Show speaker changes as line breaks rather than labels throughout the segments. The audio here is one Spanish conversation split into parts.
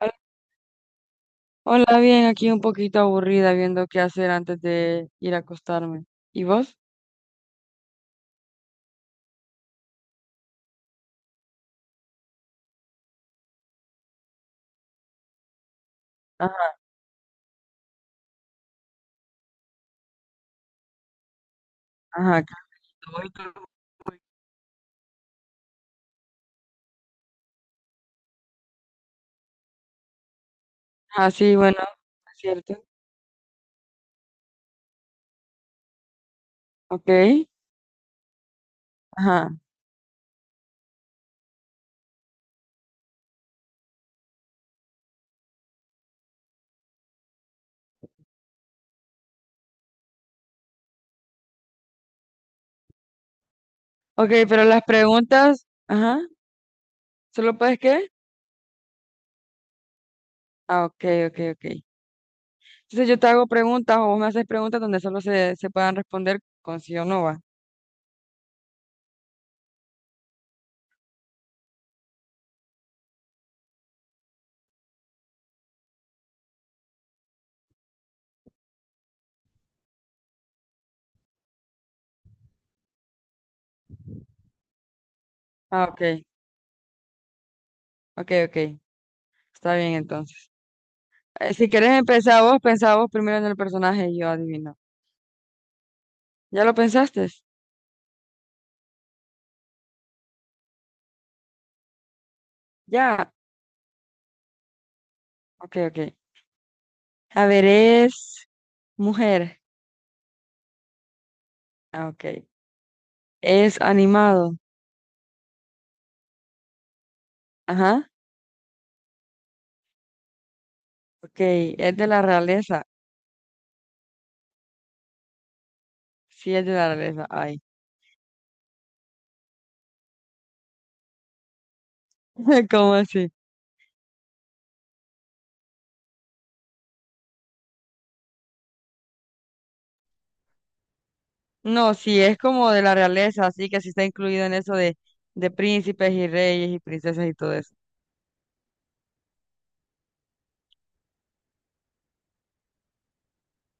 Al- Hola, bien, aquí un poquito aburrida viendo qué hacer antes de ir a acostarme. ¿Y vos? Ajá, ajá, claro, voy con- Ah, sí, bueno, es cierto. Ok, ajá. Ok, pero las preguntas, ajá, ¿solo puedes qué? Ah, ok, ok, ok. Entonces yo te hago preguntas o vos me haces preguntas donde solo se puedan responder con sí o no va. Ah, ok, ok, ok. Está bien entonces. Si querés empezar vos, pensá vos primero en el personaje y yo adivino. ¿Ya lo pensaste? Ya. Ok, ok. A ver, es mujer. Ah, ok. Es animado. Ajá. Ok. Es de la realeza. Sí, es de la realeza. Ay. ¿Cómo así? No, sí, es como de la realeza, así que sí está incluido en eso de príncipes y reyes y princesas y todo eso.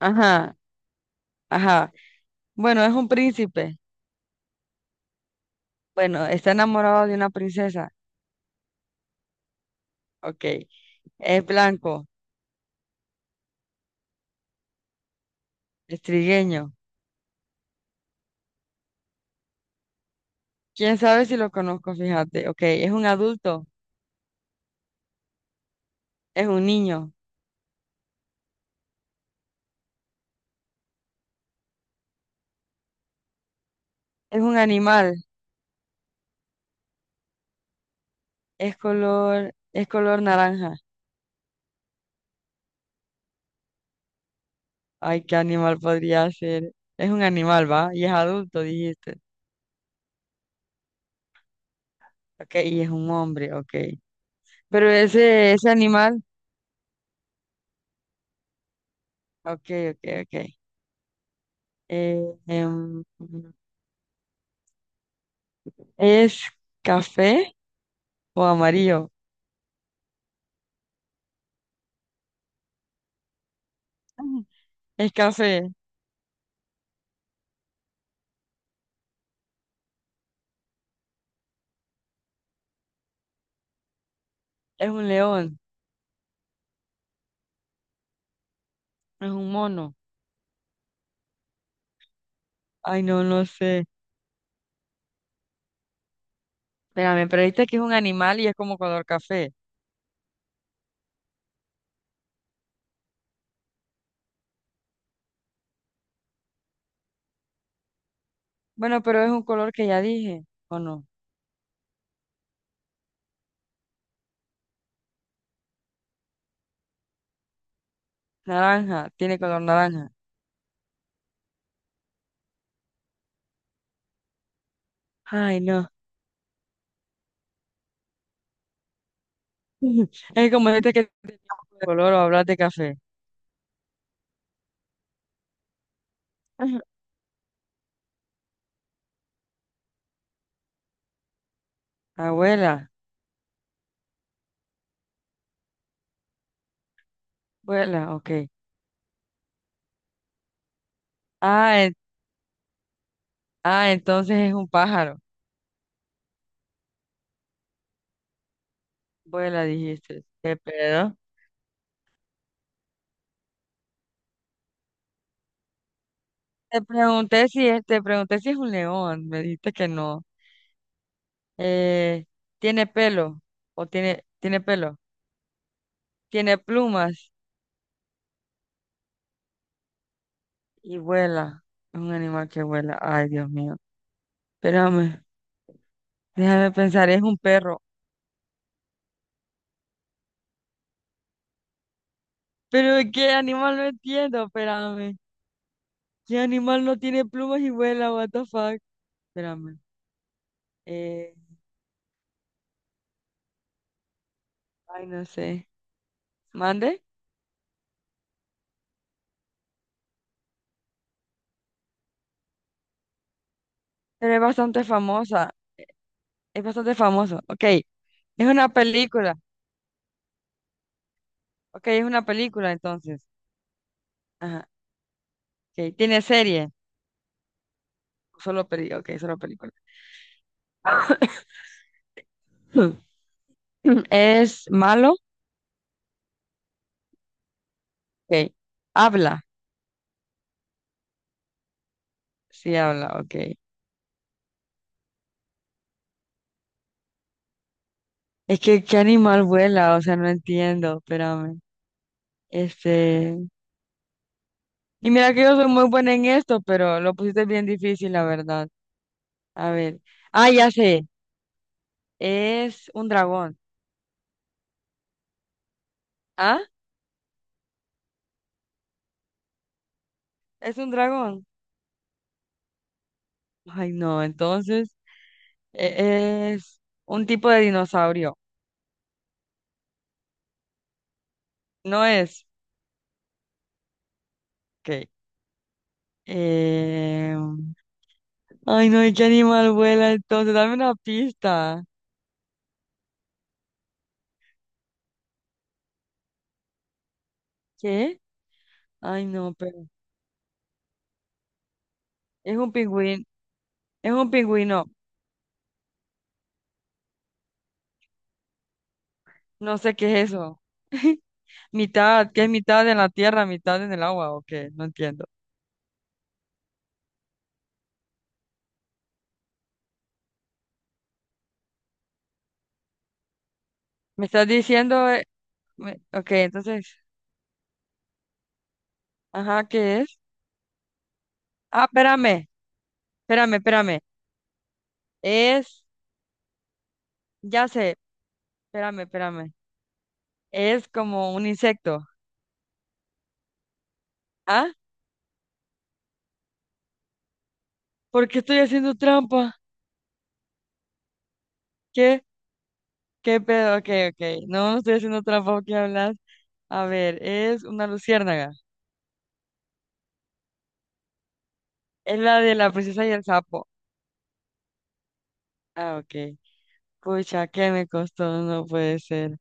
Ajá. Ajá. Bueno, es un príncipe. Bueno, está enamorado de una princesa. Ok. Es blanco. Es trigueño. ¿Quién sabe si lo conozco? Fíjate. Ok. Es un adulto. Es un niño. Es un animal. Es color naranja. Ay, ¿qué animal podría ser? Es un animal, ¿va? Y es adulto, dijiste. Ok, y es un hombre, ok. Pero ese animal, ok, ok, ok. Eh, em, ¿Es café o amarillo? Ujú. Es café, es un león, es un mono. Ay, no, no sé. Espérame, pero viste que es un animal y es como color café. Bueno, pero es un color que ya dije, ¿o no? Naranja, tiene color naranja. Ay, no. Es como este que tenía un de color o hablar de café. Ajá. Abuela, abuela, ok. Ah, en- ah, entonces es un pájaro. Abuela, dijiste. ¿Qué pedo? Te pregunté si es, te pregunté si es un león. Me dijiste que no. Eh, ¿Tiene pelo? ¿O tiene pelo? ¿Tiene plumas? Y vuela. Es un animal que vuela. Ay, Dios mío. Espérame, déjame pensar, es un perro. Pero ¿de qué animal no entiendo? Espérame. ¿Qué animal no tiene plumas y vuela? What the fuck? Espérame. Eh, ay, no sé. ¿Mande? Pero es bastante famosa. Es bastante famoso. Ok. Es una película. Ok, es una película entonces. Ajá. Ok. ¿Tiene serie? Solo peli. Ok, solo película. ¿Es malo? Ok. ¿Habla? Sí, habla. Ok. Es que, ¿qué animal vuela? O sea, no entiendo. Espérame. Este. Y mira que yo soy muy buena en esto, pero lo pusiste bien difícil, la verdad. A ver. Ah, ya sé. Es un dragón. ¿Ah? ¿Es un dragón? Ay, no. Entonces, es un tipo de dinosaurio. No es. Ok. Eh... Ay, no. ¿Y qué animal vuela entonces? Dame una pista. ¿Qué? Ay, no, pero. Es un pingüino. Es un pingüino. No sé qué es eso. Mitad, que es mitad en la tierra, mitad en el agua, ¿o qué? No entiendo. Me estás diciendo, ok, entonces, ajá, ¿qué es? Ah, espérame, espérame, espérame. Es, ya sé, espérame, espérame. Es como un insecto. ¿Ah? ¿Por qué estoy haciendo trampa? ¿Qué? ¿Qué pedo? Ok, ok. No, no estoy haciendo trampa, ¿qué hablas? A ver, es una luciérnaga. Es la de la princesa y el sapo. Ah, ok. Pucha, ¿qué me costó? No puede ser.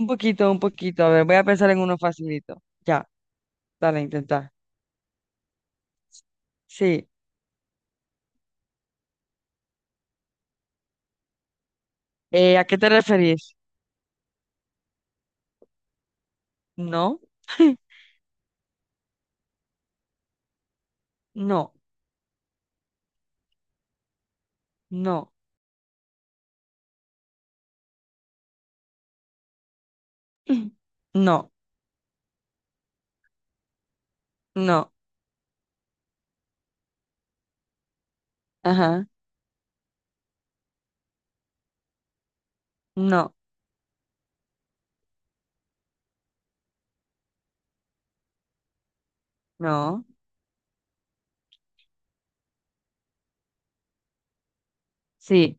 Un poquito, un poquito. A ver, voy a pensar en uno facilito. Ya, dale, intenta. Sí. ¿A qué te referís? No, no, no, no, no, ajá, no, no. Sí,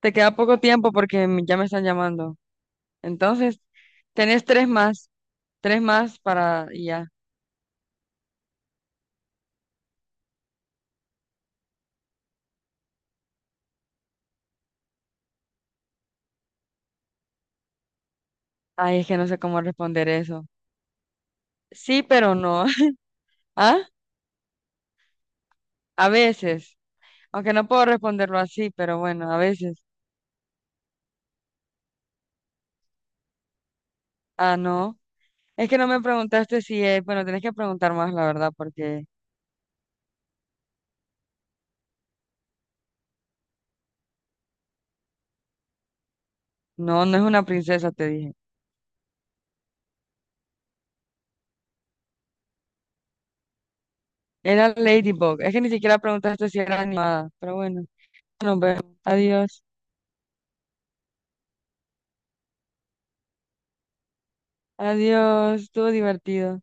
te queda poco tiempo porque ya me están llamando. Entonces, tenés tres más para y ya. Ay, es que no sé cómo responder eso. Sí, pero no. ¿Ah? A veces. Aunque no puedo responderlo así, pero bueno, a veces. Ah, no. Es que no me preguntaste si es, bueno, tenés que preguntar más, la verdad, porque no, no es una princesa, te dije. Era Ladybug. Es que ni siquiera preguntaste si era animada. Pero bueno, nos vemos. Adiós. Adiós. Estuvo divertido.